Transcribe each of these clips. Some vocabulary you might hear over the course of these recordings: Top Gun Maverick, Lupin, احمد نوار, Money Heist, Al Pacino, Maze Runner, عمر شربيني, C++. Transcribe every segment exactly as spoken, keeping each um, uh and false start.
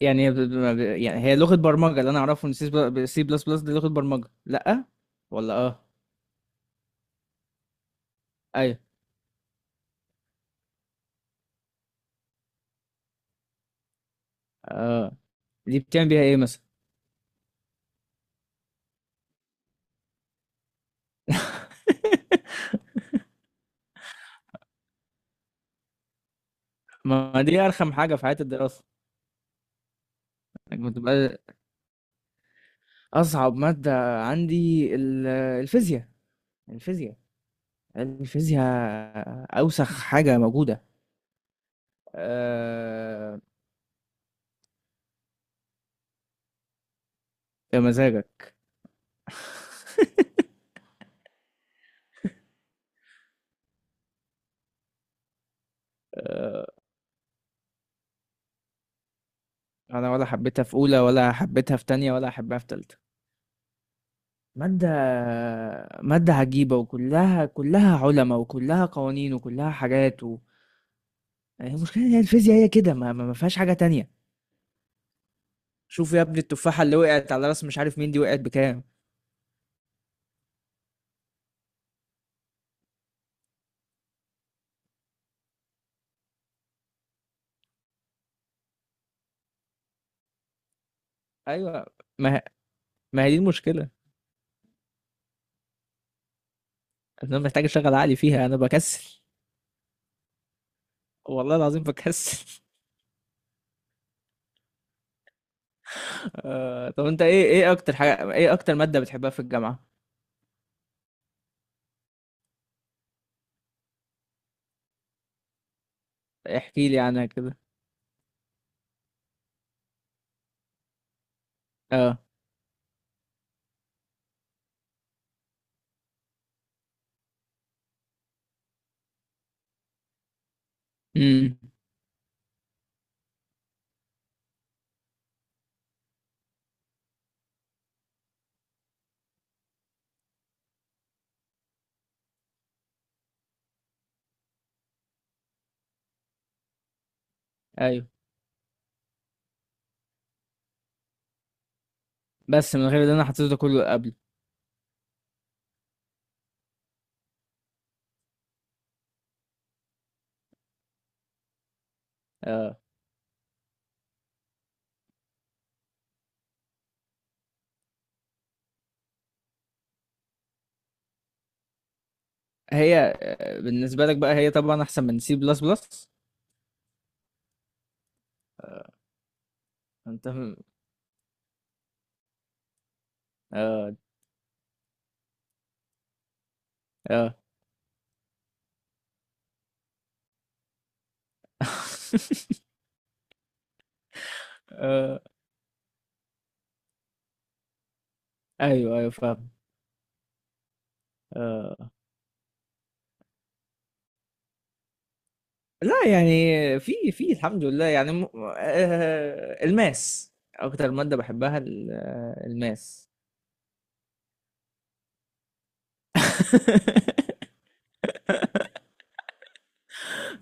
يعني ب- ب- يعني هي لغة برمجة اللي انا اعرفه ان سي بلس بلس دي لغة برمجة. لا، ولا اه، ايوه، اه. دي بتعمل بيها ايه مثلا؟ ما دي ارخم حاجة في حياة الدراسة. انك بتبقى اصعب مادة عندي ال- الفيزياء، الفيزياء، الفيزياء، اوسخ حاجة موجودة. آه، يا مزاجك. انا ولا حبيتها في اولى، ولا حبيتها في تانية، ولا حبيتها في تالتة. مادة مادة عجيبة، وكلها كلها علماء، وكلها قوانين، وكلها حاجات و... يعني المشكلة إن هي الفيزياء هي كده، ما, ما ما فيهاش حاجة تانية. شوف يا ابني، التفاحة اللي وقعت على راس مش عارف مين دي وقعت بكام؟ أيوة. ما ما هي دي المشكلة. أنا محتاج أشغل عقلي فيها، أنا بكسل، والله العظيم بكسل. آه... طب أنت إيه إيه أكتر حاجة، إيه أكتر مادة بتحبها في الجامعة؟ احكي لي عنها كده. أه. أمم أيوه، بس من غير اللي أنا حطيته ده كله قبل. آه. هي، آه، بالنسبة لك بقى هي طبعا أحسن من سي بلس بلس. أنت فاهم؟ آه. آه. آه. أيوه أيوه فاهم. آه. لا يعني، في في الحمد لله يعني م... آه الماس أكتر مادة بحبها، ال- آه، الماس.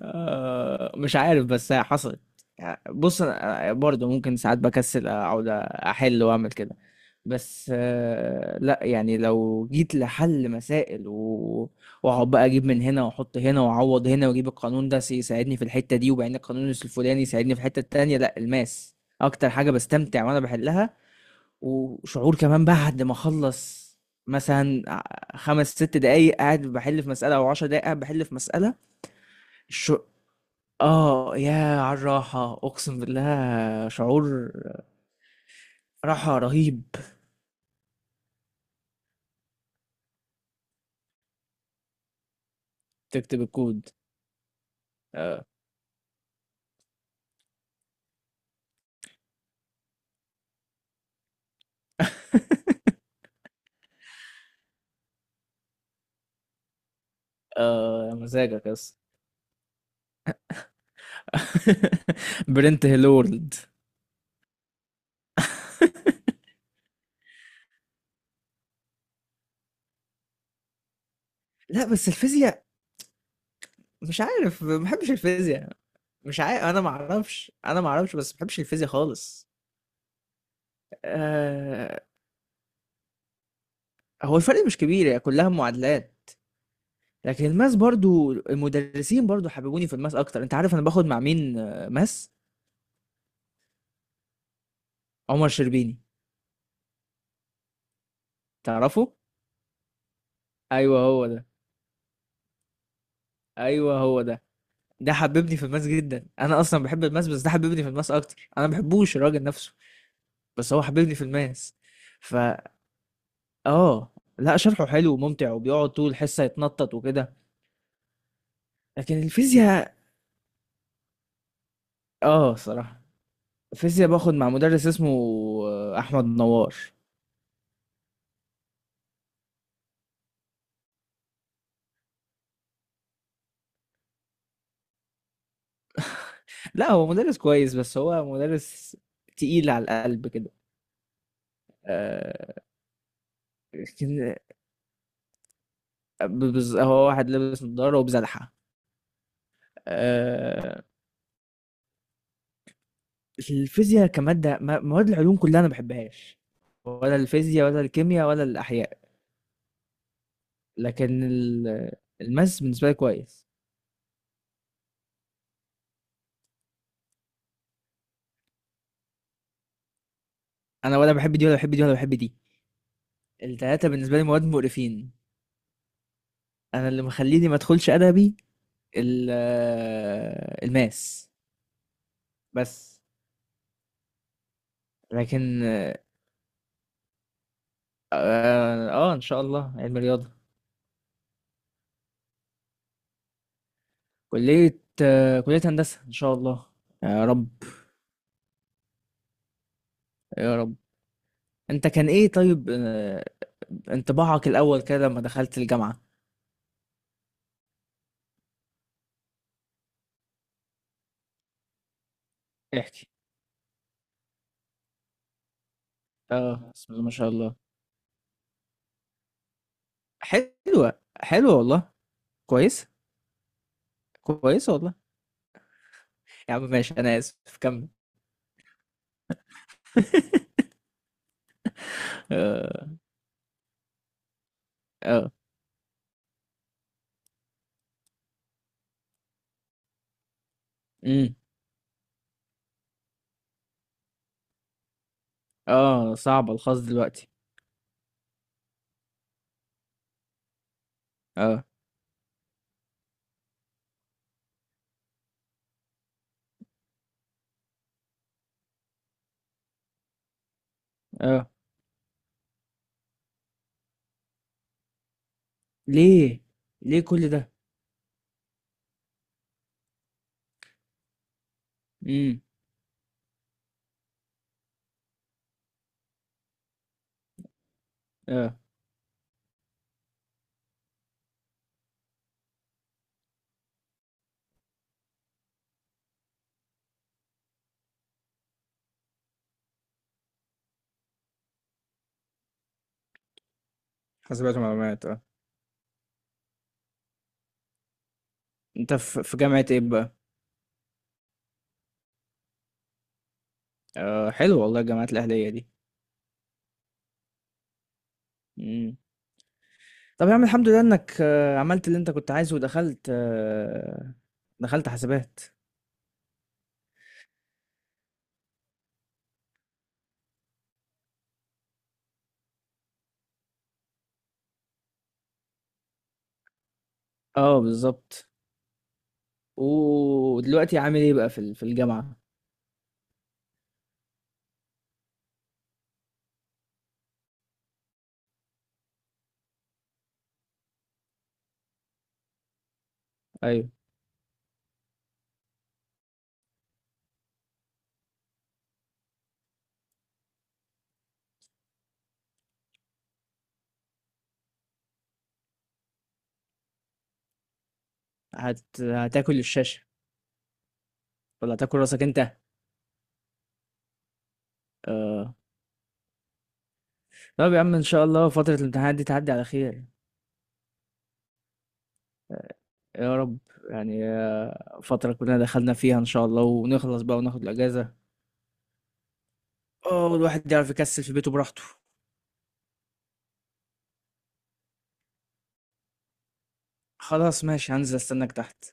آه، مش عارف بس هي حصلت. يعني بص انا برضه ممكن ساعات بكسل، اقعد احل واعمل كده. بس آه، لا يعني لو جيت لحل مسائل و... واقعد بقى اجيب من هنا واحط هنا واعوض هنا، واجيب القانون ده يساعدني في الحتة دي، وبعدين القانون الفلاني يساعدني في الحتة التانية. لا الماس اكتر حاجة بستمتع وانا بحلها، وشعور كمان بعد ما اخلص، مثلا خمس ست دقايق قاعد بحل في مسألة، او عشر دقايق قاعد بحل في مسألة. الش- آه، ياه على الراحة، أقسم بالله شعور راحة رهيب. تكتب الكود. آه. آه، يا مزاجك يا اسطى. برنت هيلورد. لأ بس الفيزياء مش عارف، ما باحبش الفيزياء. مش عارف، أنا ما أعرفش، أنا ما أعرفش، بس ما باحبش الفيزياء خالص. آه. هو الفرق مش كبير، هي كلها معادلات. لكن الماس برضو، المدرسين برضو حببوني في الماس أكتر. أنت عارف أنا باخد مع مين آه، ماس؟ عمر شربيني. تعرفه؟ أيوه هو ده. ايوه هو ده، ده حببني في الماس جدا، انا اصلا بحب الماس بس ده حببني في الماس اكتر. انا ما بحبوش الراجل نفسه، بس هو حببني في الماس. فا، اه. لا شرحه حلو وممتع، وبيقعد طول الحصه يتنطط وكده. لكن الفيزياء، اه صراحه الفيزياء باخد مع مدرس اسمه آه، احمد نوار. لا هو مدرس كويس، بس هو مدرس تقيل على القلب كده. آه. لكن- بز- هو واحد لابس نضاره وبزلحه. آه. الفيزياء كمادة، ما- مواد العلوم كلها أنا ما بحبهاش، ولا الفيزياء ولا الكيمياء ولا الأحياء. لكن ال- الماس بالنسبة لي كويس. أنا ولا بحب دي ولا بحب دي ولا بحب دي، التلاتة بالنسبة لي مواد مقرفين. أنا اللي مخليني ما أدخلش أدبي ال- آه، الماس بس. لكن آه، آه، آه، إن شاء الله علم رياضة. كلية آه، كلية هندسة إن شاء الله، يا رب. يا رب. أنت كان إيه طيب آه، انطباعك الأول كده لما دخلت الجامعة؟ احكي. اه بسم الله ما شاء الله، حلوة حلوة والله، كويسة كويسة والله. يا عم ماشي انا اسف، كمل. اه. اه. امم. اه صعب الخاص دلوقتي. اه. اه. ليه؟ ليه كل ده؟ امم. اه. حاسبات ومعلومات، اه. انت في في جامعة ايه بقى؟ آه حلو والله الجامعات الأهلية دي. امم. طب يا عم الحمد لله انك آه، عملت اللي انت كنت عايزه، ودخلت آه، دخلت حاسبات. اه بالظبط. ودلوقتي عامل ايه بقى في ال- في الجامعة؟ ايوه هت... هتاكل الشاشة ولا هتاكل راسك انت؟ آه. طب يا عم ان شاء الله فترة الامتحانات دي تعدي على خير. آه، يا رب. يعني آه، فترة كلنا دخلنا فيها ان شاء الله، ونخلص بقى وناخد الاجازة. اه والواحد يعرف يكسل في بيته براحته. خلاص ماشي، هنزل استناك تحت.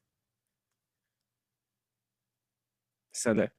سلام.